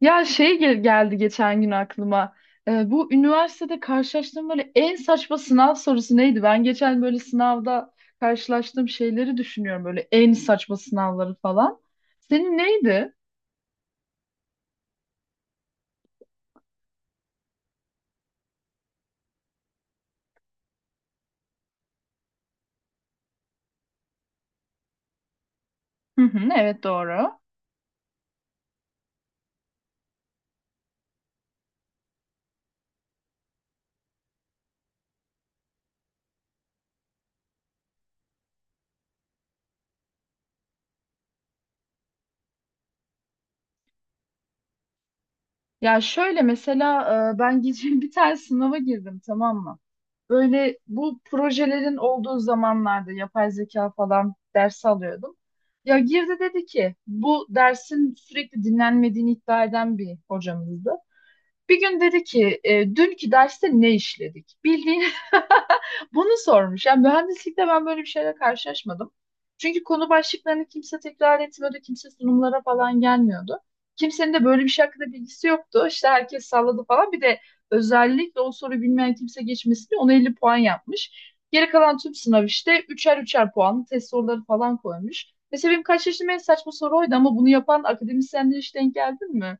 Ya geldi geçen gün aklıma. Bu üniversitede karşılaştığım böyle en saçma sınav sorusu neydi? Ben geçen böyle sınavda karşılaştığım şeyleri düşünüyorum. Böyle en saçma sınavları falan. Senin neydi? Hı hı, evet doğru. Ya şöyle mesela ben geçen bir tane sınava girdim, tamam mı? Böyle bu projelerin olduğu zamanlarda yapay zeka falan ders alıyordum. Ya girdi, dedi ki bu dersin sürekli dinlenmediğini iddia eden bir hocamızdı. Bir gün dedi ki dünkü derste ne işledik? Bildiğin bunu sormuş. Yani mühendislikte ben böyle bir şeyle karşılaşmadım. Çünkü konu başlıklarını kimse tekrar etmiyordu. Kimse sunumlara falan gelmiyordu. Kimsenin de böyle bir şey hakkında bilgisi yoktu. İşte herkes salladı falan. Bir de özellikle o soruyu bilmeyen kimse geçmesi diye ona 50 puan yapmış. Geri kalan tüm sınav işte üçer üçer puanlı test soruları falan koymuş. Mesela benim kaç yaşım en saçma soru oydu, ama bunu yapan akademisyenler hiç denk geldin mi?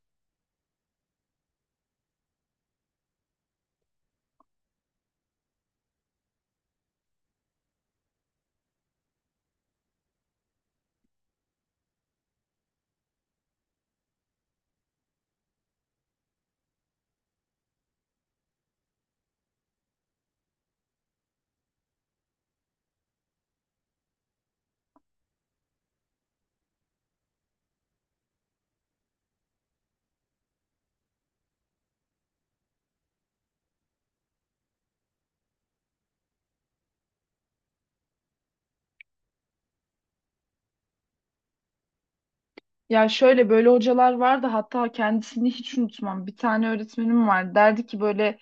Ya şöyle böyle hocalar vardı, hatta kendisini hiç unutmam. Bir tane öğretmenim var. Derdi ki böyle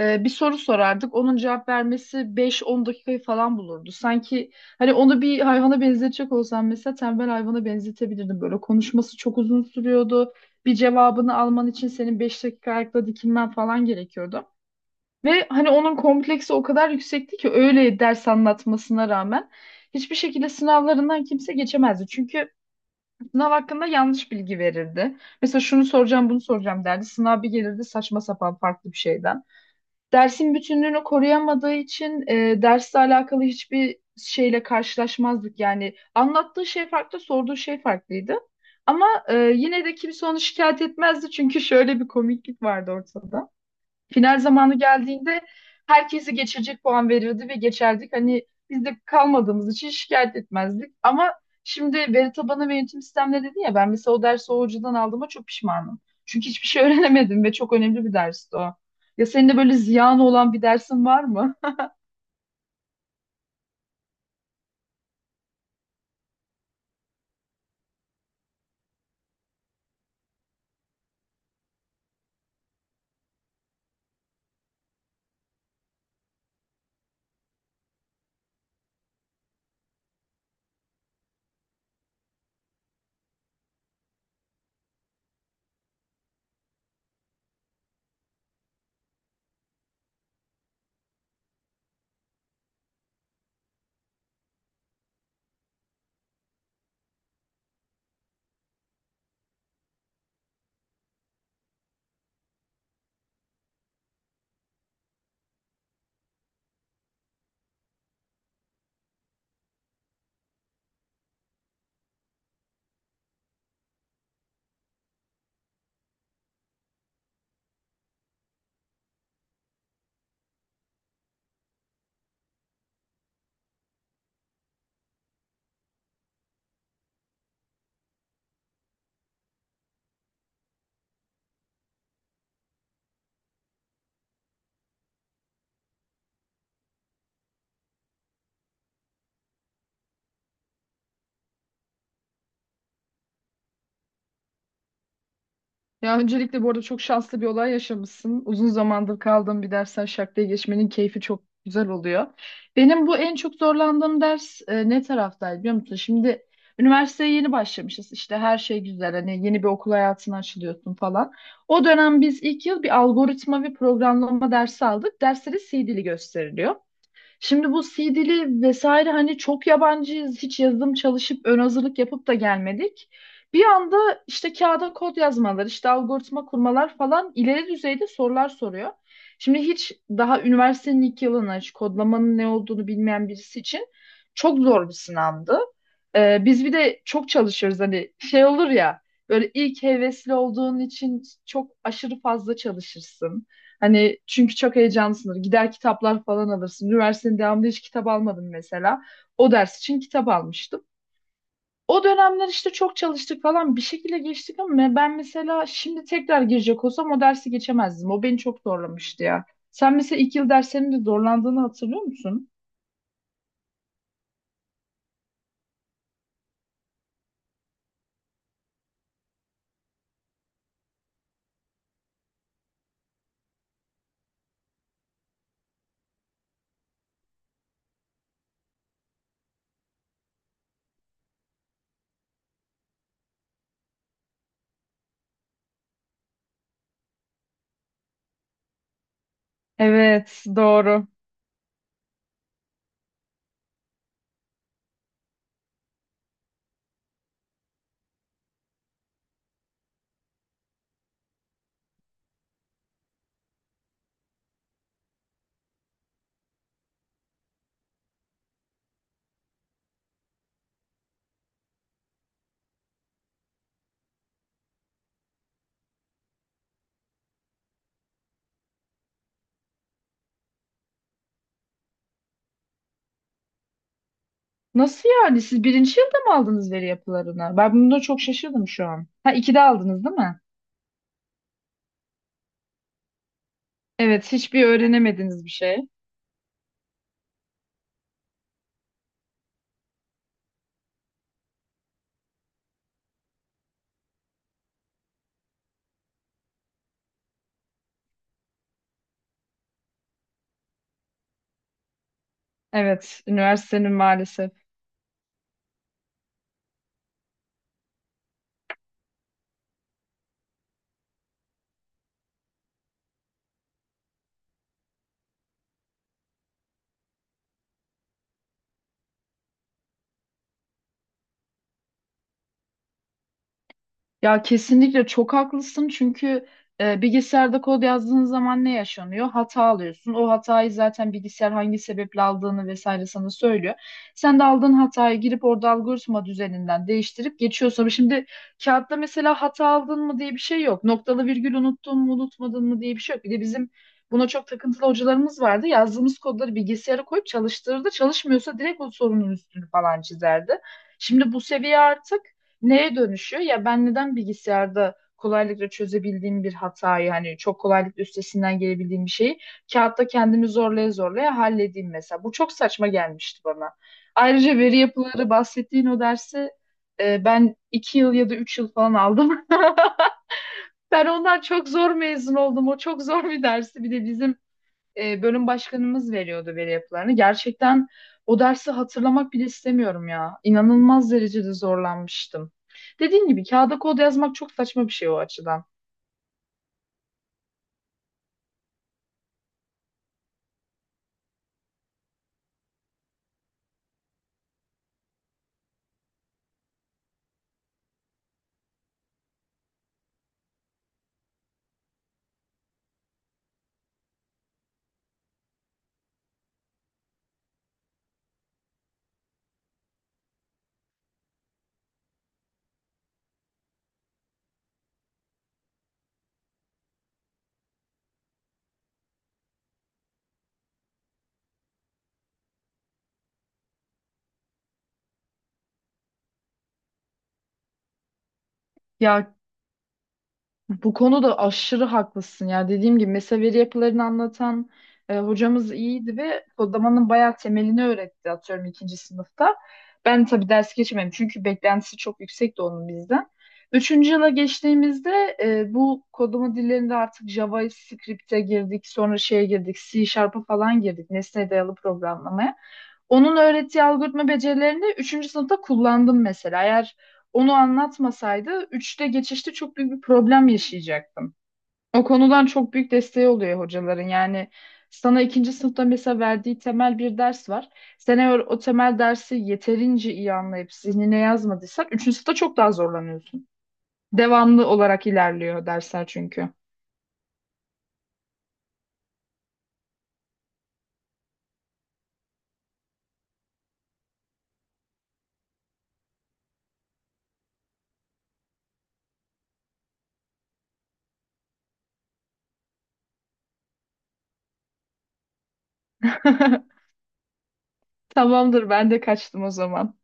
bir soru sorardık. Onun cevap vermesi beş on dakikayı falan bulurdu. Sanki hani onu bir hayvana benzetecek olsam mesela tembel hayvana benzetebilirdim. Böyle konuşması çok uzun sürüyordu. Bir cevabını alman için senin 5 dakika ayakta dikilmen falan gerekiyordu. Ve hani onun kompleksi o kadar yüksekti ki öyle ders anlatmasına rağmen hiçbir şekilde sınavlarından kimse geçemezdi. Çünkü sınav hakkında yanlış bilgi verirdi. Mesela şunu soracağım, bunu soracağım derdi. Sınav bir gelirdi saçma sapan farklı bir şeyden. Dersin bütünlüğünü koruyamadığı için dersle alakalı hiçbir şeyle karşılaşmazdık. Yani anlattığı şey farklı, sorduğu şey farklıydı. Ama yine de kimse onu şikayet etmezdi, çünkü şöyle bir komiklik vardı ortada. Final zamanı geldiğinde herkesi geçecek puan verirdi ve geçerdik. Hani biz de kalmadığımız için şikayet etmezdik. Ama şimdi veri tabanı ve yönetim sistemleri dedi ya, ben mesela o dersi o hocadan aldığıma çok pişmanım. Çünkü hiçbir şey öğrenemedim ve çok önemli bir dersti o. Ya senin de böyle ziyan olan bir dersin var mı? Ya öncelikle bu arada çok şanslı bir olay yaşamışsın. Uzun zamandır kaldığım bir dersten şarkıya geçmenin keyfi çok güzel oluyor. Benim bu en çok zorlandığım ders ne taraftaydı biliyor musun? Şimdi üniversiteye yeni başlamışız. İşte her şey güzel. Hani yeni bir okul hayatına açılıyorsun falan. O dönem biz ilk yıl bir algoritma ve programlama dersi aldık. Derste de C dili gösteriliyor. Şimdi bu C dili vesaire hani çok yabancıyız. Hiç yazılım çalışıp ön hazırlık yapıp da gelmedik. Bir anda işte kağıda kod yazmalar, işte algoritma kurmalar falan, ileri düzeyde sorular soruyor. Şimdi hiç daha üniversitenin ilk yılına hiç kodlamanın ne olduğunu bilmeyen birisi için çok zor bir sınavdı. Biz bir de çok çalışıyoruz, hani şey olur ya, böyle ilk hevesli olduğun için çok aşırı fazla çalışırsın. Hani çünkü çok heyecanlısındır. Gider kitaplar falan alırsın. Üniversitenin devamında hiç kitap almadım mesela. O ders için kitap almıştım. O dönemler işte çok çalıştık falan, bir şekilde geçtik, ama ben mesela şimdi tekrar girecek olsam o dersi geçemezdim. O beni çok zorlamıştı ya. Sen mesela ilk yıl derslerinde zorlandığını hatırlıyor musun? Evet, doğru. Nasıl yani? Siz birinci yılda mı aldınız veri yapılarını? Ben bunda çok şaşırdım şu an. Ha, ikide aldınız değil mi? Evet, hiçbir öğrenemediğiniz bir şey. Evet, üniversitenin maalesef. Ya kesinlikle çok haklısın çünkü bilgisayarda kod yazdığın zaman ne yaşanıyor? Hata alıyorsun. O hatayı zaten bilgisayar hangi sebeple aldığını vesaire sana söylüyor. Sen de aldığın hatayı girip orada algoritma düzeninden değiştirip geçiyorsun. Şimdi kağıtta mesela hata aldın mı diye bir şey yok. Noktalı virgül unuttun mu unutmadın mı diye bir şey yok. Bir de bizim buna çok takıntılı hocalarımız vardı. Yazdığımız kodları bilgisayara koyup çalıştırırdı. Çalışmıyorsa direkt o sorunun üstünü falan çizerdi. Şimdi bu seviye artık neye dönüşüyor? Ya ben neden bilgisayarda kolaylıkla çözebildiğim bir hatayı, hani çok kolaylıkla üstesinden gelebildiğim bir şeyi kağıtta kendimi zorlaya zorlaya halledeyim mesela. Bu çok saçma gelmişti bana. Ayrıca veri yapıları bahsettiğin o dersi ben 2 yıl ya da 3 yıl falan aldım. Ben ondan çok zor mezun oldum. O çok zor bir dersi. Bir de bizim bölüm başkanımız veriyordu veri yapılarını. Gerçekten o dersi hatırlamak bile istemiyorum ya. İnanılmaz derecede zorlanmıştım. Dediğim gibi kağıda kod yazmak çok saçma bir şey o açıdan. Ya bu konuda aşırı haklısın ya. Dediğim gibi mesela veri yapılarını anlatan hocamız iyiydi ve kodlamanın bayağı temelini öğretti atıyorum ikinci sınıfta. Ben tabii ders geçmedim çünkü beklentisi çok yüksekti onun bizden. Üçüncü yıla geçtiğimizde bu kodlama dillerinde artık JavaScript'e girdik, sonra şeye girdik, C Sharp'a falan girdik, nesne dayalı programlamaya. Onun öğrettiği algoritma becerilerini üçüncü sınıfta kullandım mesela. Eğer onu anlatmasaydı üçte geçişte çok büyük bir problem yaşayacaktım. O konudan çok büyük desteği oluyor hocaların. Yani sana ikinci sınıfta mesela verdiği temel bir ders var. Sen eğer o temel dersi yeterince iyi anlayıp zihnine yazmadıysan üçüncü sınıfta çok daha zorlanıyorsun. Devamlı olarak ilerliyor dersler çünkü. Tamamdır, ben de kaçtım o zaman.